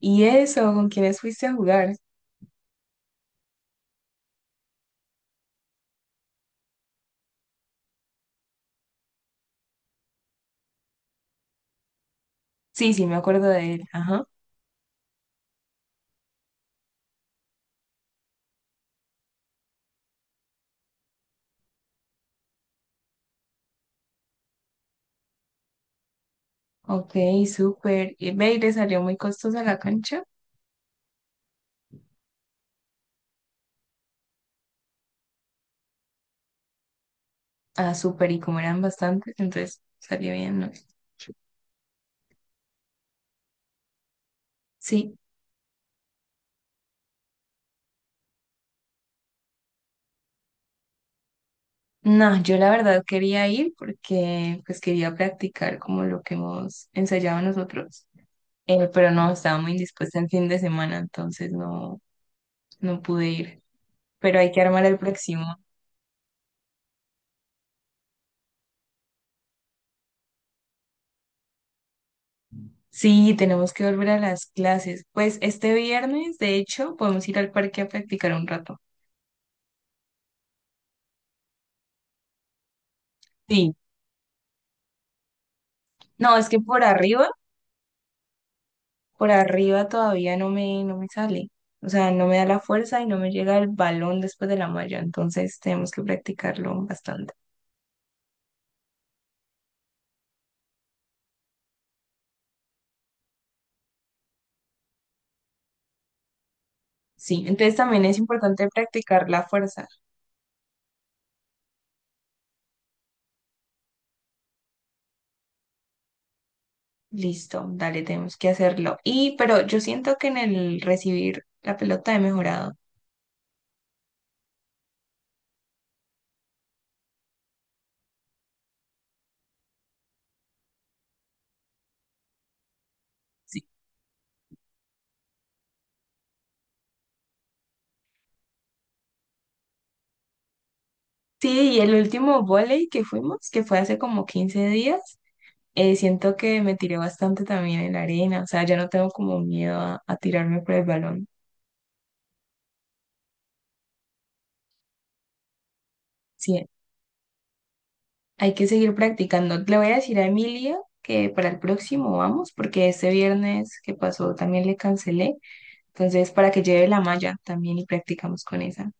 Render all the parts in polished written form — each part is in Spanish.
¿Y eso? ¿Con quiénes fuiste a jugar? Sí, me acuerdo de él. Ajá. Ok, súper. ¿Y ve, y le salió muy costosa la cancha? Ah, súper. Y como eran bastantes, entonces salió bien, ¿no? Sí. No, yo la verdad quería ir porque pues quería practicar como lo que hemos ensayado nosotros. Pero no, estaba muy indispuesta el fin de semana, entonces no, no pude ir. Pero hay que armar el próximo. Sí, tenemos que volver a las clases. Pues este viernes, de hecho, podemos ir al parque a practicar un rato. Sí, no, es que por arriba todavía no me, no me sale. O sea, no me da la fuerza y no me llega el balón después de la malla. Entonces tenemos que practicarlo bastante. Sí, entonces también es importante practicar la fuerza. Listo, dale, tenemos que hacerlo. Y, pero yo siento que en el recibir la pelota he mejorado. Sí, sí, y el último volei que fuimos, que fue hace como 15 días, siento que me tiré bastante también en la arena. O sea, ya no tengo como miedo a tirarme por el balón. Sí, hay que seguir practicando. Le voy a decir a Emilia que para el próximo vamos, porque este viernes que pasó también le cancelé. Entonces, para que lleve la malla también y practicamos con esa.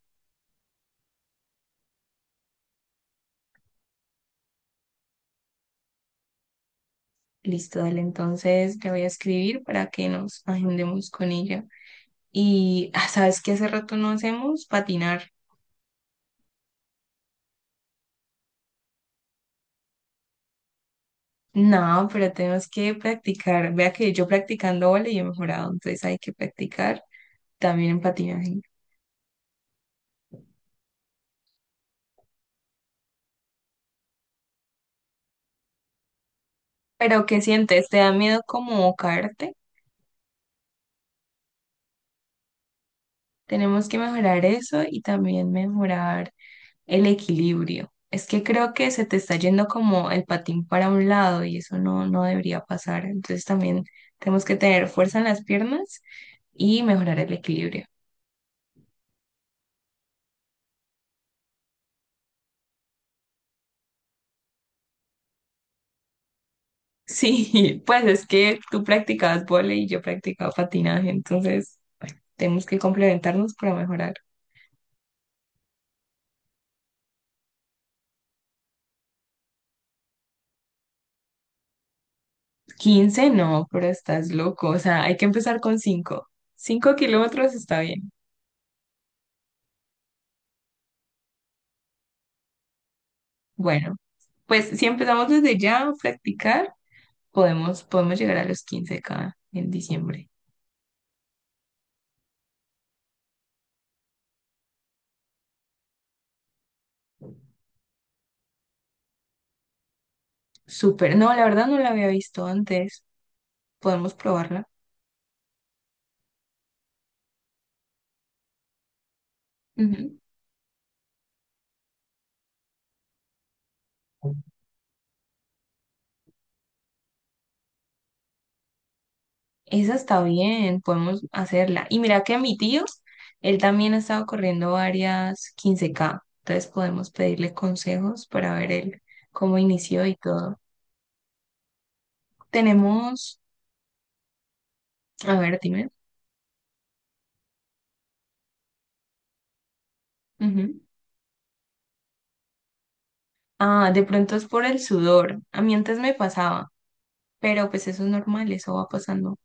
Listo, dale. Entonces, le voy a escribir para que nos agendemos con ella. Y, ah, ¿sabes qué hace rato no hacemos? Patinar. No, pero tenemos que practicar. Vea que yo practicando vole y he mejorado, entonces hay que practicar también en patinaje. ¿Pero qué sientes? ¿Te da miedo como caerte? Tenemos que mejorar eso y también mejorar el equilibrio. Es que creo que se te está yendo como el patín para un lado y eso no, no debería pasar. Entonces también tenemos que tener fuerza en las piernas y mejorar el equilibrio. Sí, pues es que tú practicabas vóley y yo practicaba patinaje, entonces tenemos que complementarnos para mejorar. Quince no, pero estás loco. O sea, hay que empezar con cinco kilómetros está bien. Bueno, pues si empezamos desde ya a practicar. Podemos llegar a los 15K en diciembre. Súper. No, la verdad no la había visto antes. Podemos probarla. Ujú. Esa está bien, podemos hacerla. Y mira que mi tío, él también ha estado corriendo varias 15K. Entonces podemos pedirle consejos para ver él cómo inició y todo. Tenemos, a ver, dime. Ujú. Ah, de pronto es por el sudor. A mí antes me pasaba, pero pues eso es normal, eso va pasando.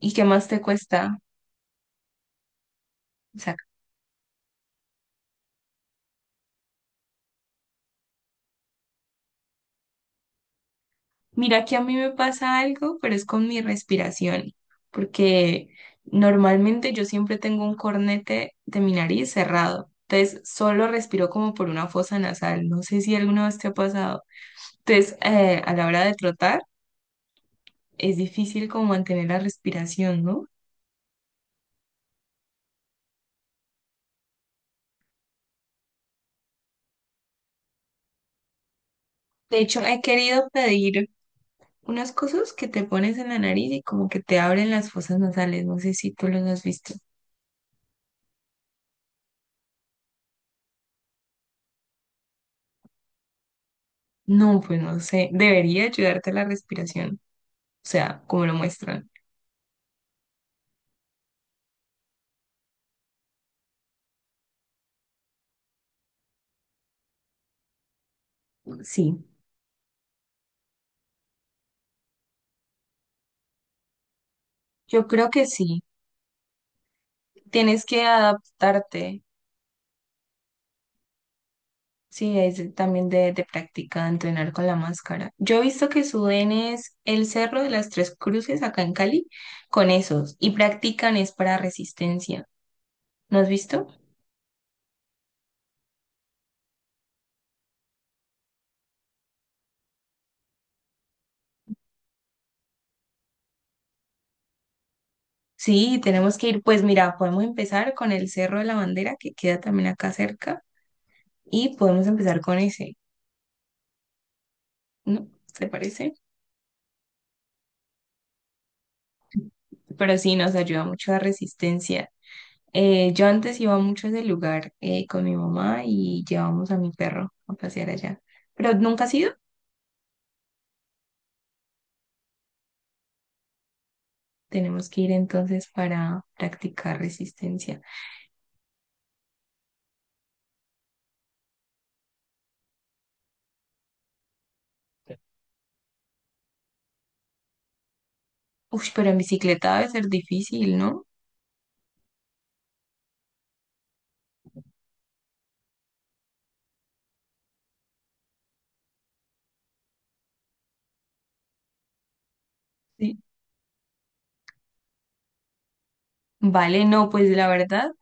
¿Y qué más te cuesta? Mira que a mí me pasa algo, pero es con mi respiración, porque normalmente yo siempre tengo un cornete de mi nariz cerrado, entonces solo respiro como por una fosa nasal, no sé si alguna vez te ha pasado. Entonces, a la hora de trotar, es difícil como mantener la respiración, ¿no? De hecho, he querido pedir unas cosas que te pones en la nariz y como que te abren las fosas nasales, no sé si tú los has visto. No, pues no sé, debería ayudarte la respiración, o sea, como lo muestran. Sí, yo creo que sí. Tienes que adaptarte. Sí, es de- también de práctica, entrenar con la máscara. Yo he visto que suben es el Cerro de las Tres Cruces acá en Cali con esos y practican es para resistencia. ¿No has visto? Sí, tenemos que ir. Pues mira, podemos empezar con el Cerro de la Bandera que queda también acá cerca y podemos empezar con ese, ¿no? ¿Te parece? Pero sí, nos ayuda mucho a resistencia. Yo antes iba mucho a ese lugar con mi mamá y llevamos a mi perro a pasear allá, pero nunca ha ido. Tenemos que ir entonces para practicar resistencia. Uy, pero en bicicleta debe ser difícil, ¿no? Sí. Vale, no, pues la verdad,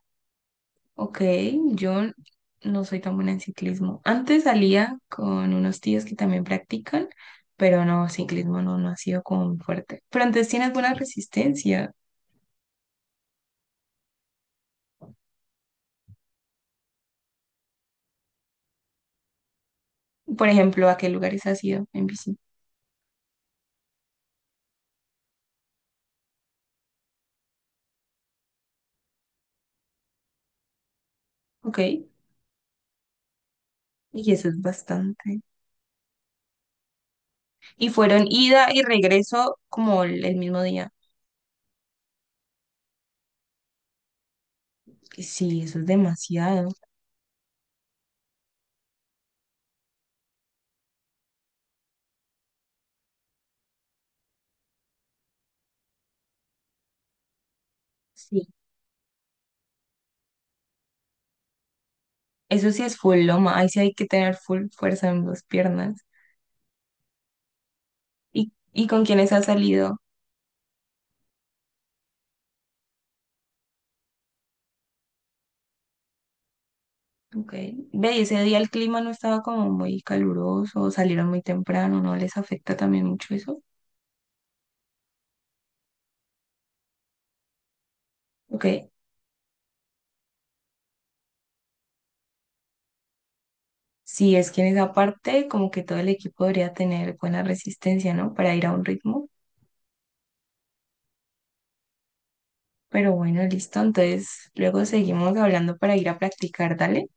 ok, yo no soy tan buena en ciclismo. Antes salía con unos tíos que también practican, pero no, ciclismo no, no ha sido como muy fuerte. Pero antes tienes buena resistencia. Por ejemplo, ¿a qué lugares has ido en bici? Ok. Y eso es bastante. Y fueron ida y regreso como el mismo día. Que sí, eso es demasiado. Sí. Eso sí es full loma. Ahí sí hay que tener full fuerza en las piernas. ¿Y ¿con quiénes has salido? Ok. Ve, y ese día el clima no estaba como muy caluroso, salieron muy temprano, ¿no les afecta también mucho eso? Ok. Sí, es que en esa parte como que todo el equipo debería tener buena resistencia, ¿no? Para ir a un ritmo. Pero bueno, listo. Entonces, luego seguimos hablando para ir a practicar, dale.